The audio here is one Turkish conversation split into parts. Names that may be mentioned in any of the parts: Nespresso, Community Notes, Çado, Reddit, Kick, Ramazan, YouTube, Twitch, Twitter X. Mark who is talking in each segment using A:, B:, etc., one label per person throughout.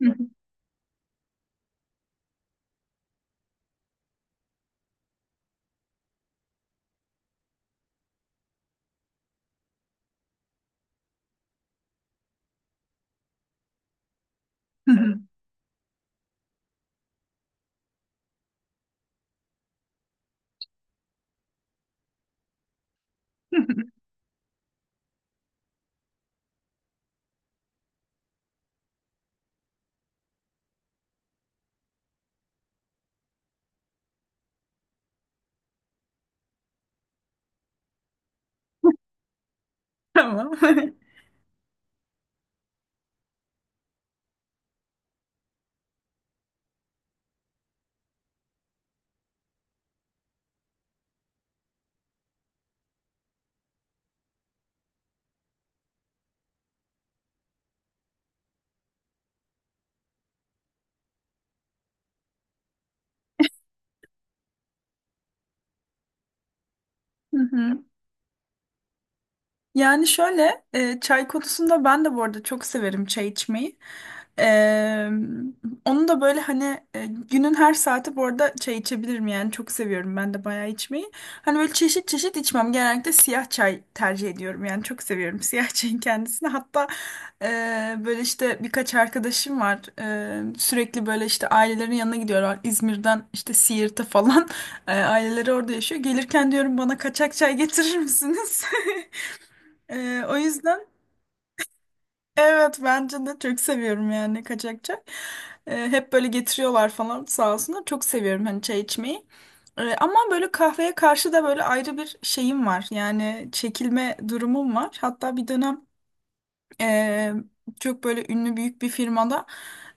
A: Tamam. Hı hı. Yani şöyle çay konusunda ben de bu arada çok severim çay içmeyi. E, Onu da böyle hani günün her saati bu arada çay içebilirim, yani çok seviyorum ben de bayağı içmeyi. Hani böyle çeşit çeşit içmem, genellikle siyah çay tercih ediyorum, yani çok seviyorum siyah çayın kendisini. Hatta böyle işte birkaç arkadaşım var. Sürekli böyle işte ailelerin yanına gidiyorlar, İzmir'den işte Siirt'e falan. Aileleri orada yaşıyor. Gelirken diyorum, bana kaçak çay getirir misiniz? O yüzden evet, bence de çok seviyorum yani kaçakçak. Hep böyle getiriyorlar falan, sağ olsunlar. Çok seviyorum hani çay içmeyi. Ama böyle kahveye karşı da böyle ayrı bir şeyim var. Yani çekilme durumum var. Hatta bir dönem Eee, çok böyle ünlü büyük bir firmada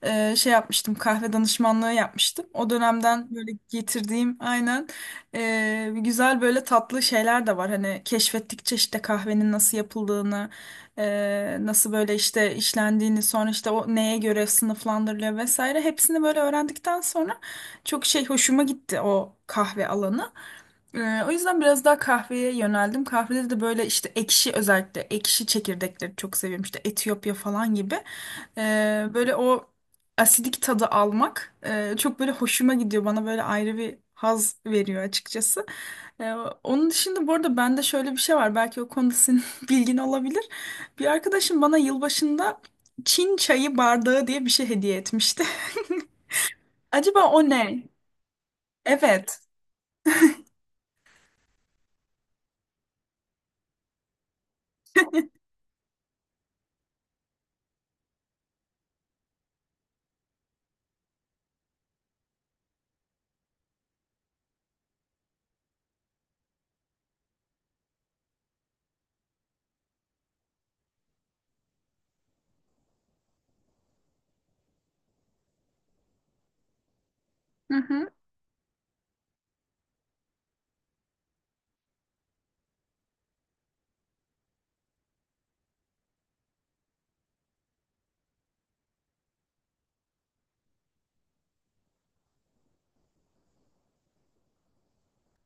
A: şey yapmıştım, kahve danışmanlığı yapmıştım. O dönemden böyle getirdiğim aynen güzel böyle tatlı şeyler de var. Hani keşfettikçe işte kahvenin nasıl yapıldığını nasıl böyle işte işlendiğini, sonra işte o neye göre sınıflandırılıyor vesaire, hepsini böyle öğrendikten sonra çok şey hoşuma gitti o kahve alanı. O yüzden biraz daha kahveye yöneldim. Kahvede de böyle işte ekşi, özellikle ekşi çekirdekleri çok seviyorum. İşte Etiyopya falan gibi. Böyle o asidik tadı almak çok böyle hoşuma gidiyor. Bana böyle ayrı bir haz veriyor açıkçası. Ee, Onun dışında bu arada bende şöyle bir şey var. Belki o konuda senin bilgin olabilir. Bir arkadaşım bana yılbaşında Çin çayı bardağı diye bir şey hediye etmişti. Acaba o ne? Evet. Hı hı.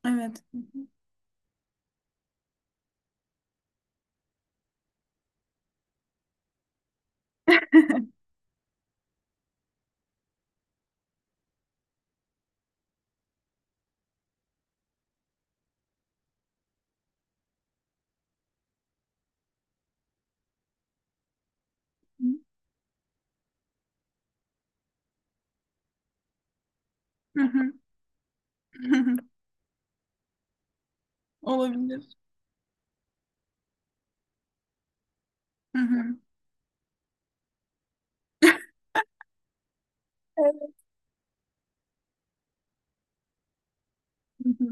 A: Evet. Hı hı. Olabilir. Hı hı. Evet. Hı hı.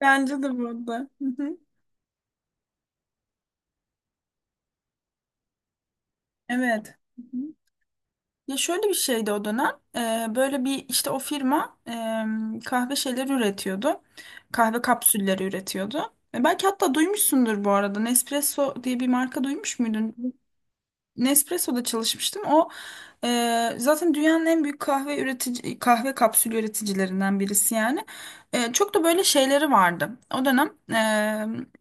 A: Bence de burada. Hı hı. Evet. Hı hı. Ya şöyle bir şeydi o dönem. Böyle bir işte o firma kahve şeyleri üretiyordu. Kahve kapsülleri üretiyordu. E, belki hatta duymuşsundur bu arada. Nespresso diye bir marka duymuş muydun? Nespresso'da çalışmıştım. O zaten dünyanın en büyük kahve üretici, kahve kapsülü üreticilerinden birisi yani. E, çok da böyle şeyleri vardı. O dönem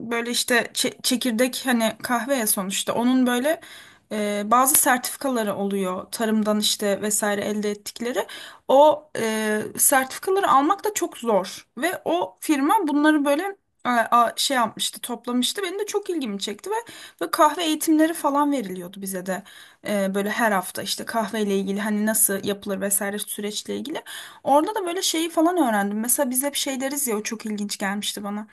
A: böyle işte çekirdek, hani kahve ya sonuçta, onun böyle bazı sertifikaları oluyor tarımdan işte vesaire elde ettikleri. O sertifikaları almak da çok zor ve o firma bunları böyle şey yapmıştı, toplamıştı. Benim de çok ilgimi çekti ve böyle kahve eğitimleri falan veriliyordu bize de. Böyle her hafta işte kahveyle ilgili, hani nasıl yapılır vesaire, süreçle ilgili. Orada da böyle şeyi falan öğrendim. Mesela biz hep şey deriz ya, o çok ilginç gelmişti bana.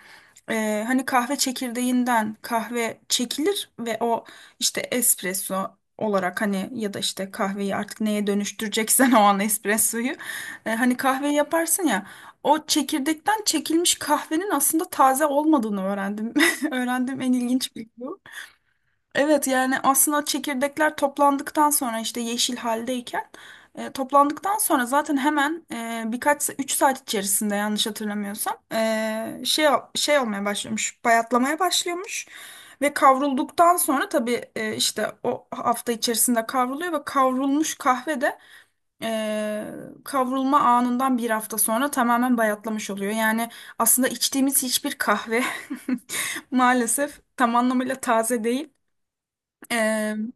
A: Hani kahve çekirdeğinden kahve çekilir ve o işte espresso olarak, hani ya da işte kahveyi artık neye dönüştüreceksen o an espressoyu hani kahveyi yaparsın ya, o çekirdekten çekilmiş kahvenin aslında taze olmadığını öğrendim. Öğrendim, en ilginç bilgi bu. Evet, yani aslında çekirdekler toplandıktan sonra işte yeşil haldeyken toplandıktan sonra zaten hemen birkaç 3 saat içerisinde, yanlış hatırlamıyorsam şey olmaya başlıyormuş, bayatlamaya başlıyormuş ve kavrulduktan sonra tabii işte o hafta içerisinde kavruluyor ve kavrulmuş kahve de e, kavrulma anından bir hafta sonra tamamen bayatlamış oluyor. Yani aslında içtiğimiz hiçbir kahve maalesef tam anlamıyla taze değil. Eee,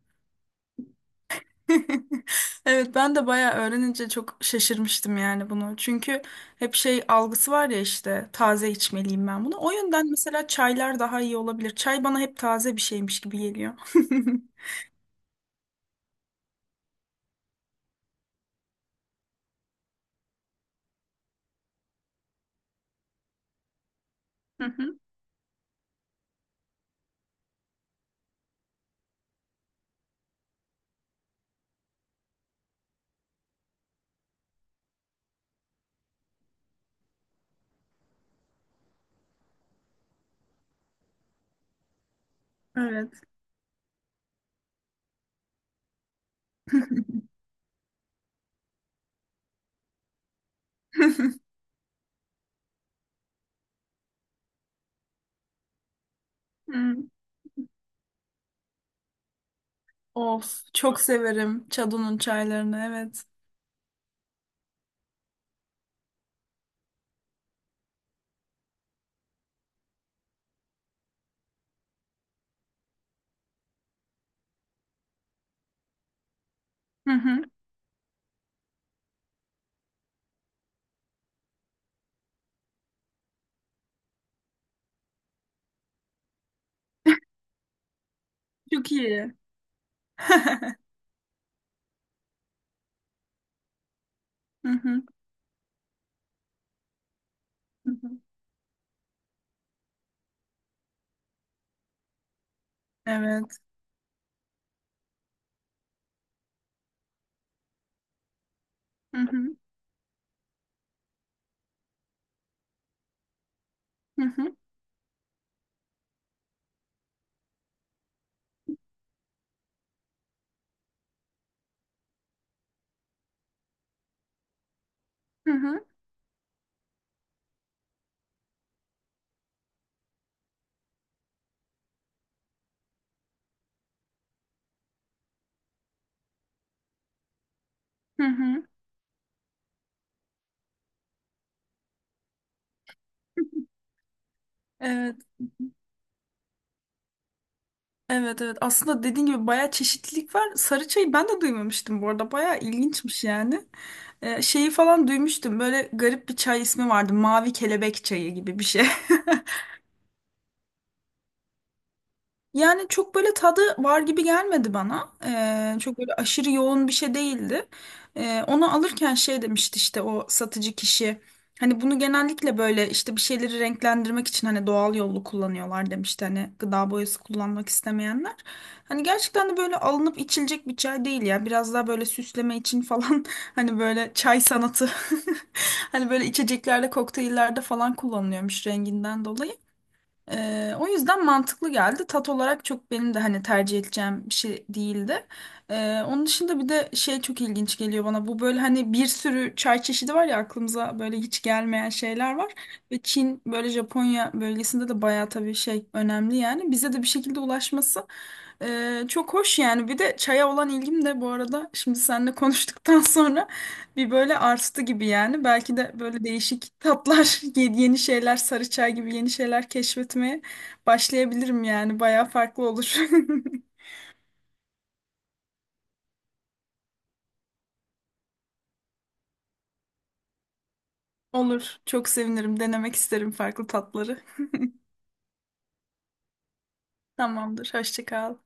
A: Evet, ben de bayağı öğrenince çok şaşırmıştım yani bunu. Çünkü hep şey algısı var ya, işte taze içmeliyim ben bunu. O yönden mesela çaylar daha iyi olabilir. Çay bana hep taze bir şeymiş gibi geliyor. Hı hı. Evet. Hı. Of, çok severim Çado'nun çaylarını, evet. Hı hı. Çok iyi. Hı hı. Hı hı. Evet. Hı hı. Hı hı. Hı hı. Hı hı. Evet. Evet, evet, aslında dediğin gibi bayağı çeşitlilik var. Sarı çayı ben de duymamıştım bu arada, bayağı ilginçmiş yani. Şeyi falan duymuştum, böyle garip bir çay ismi vardı, mavi kelebek çayı gibi bir şey. Yani çok böyle tadı var gibi gelmedi bana. Çok böyle aşırı yoğun bir şey değildi. Onu alırken şey demişti işte o satıcı kişi. Hani bunu genellikle böyle işte bir şeyleri renklendirmek için hani doğal yollu kullanıyorlar demişti. Hani gıda boyası kullanmak istemeyenler. Hani gerçekten de böyle alınıp içilecek bir çay değil ya. Biraz daha böyle süsleme için falan hani böyle çay sanatı. Hani böyle içeceklerde, kokteyllerde falan kullanılıyormuş renginden dolayı. O yüzden mantıklı geldi. Tat olarak çok benim de hani tercih edeceğim bir şey değildi. Onun dışında bir de şey çok ilginç geliyor bana. Bu böyle hani bir sürü çay çeşidi var ya, aklımıza böyle hiç gelmeyen şeyler var. Ve Çin, böyle Japonya bölgesinde de bayağı tabii şey önemli yani. Bize de bir şekilde ulaşması çok hoş yani. Bir de çaya olan ilgim de bu arada şimdi seninle konuştuktan sonra bir böyle arttı gibi yani. Belki de böyle değişik tatlar, yeni şeyler, sarı çay gibi yeni şeyler keşfetmeye başlayabilirim yani. Bayağı farklı olur. Olur. Çok sevinirim. Denemek isterim farklı tatları. Tamamdır. Hoşça kal.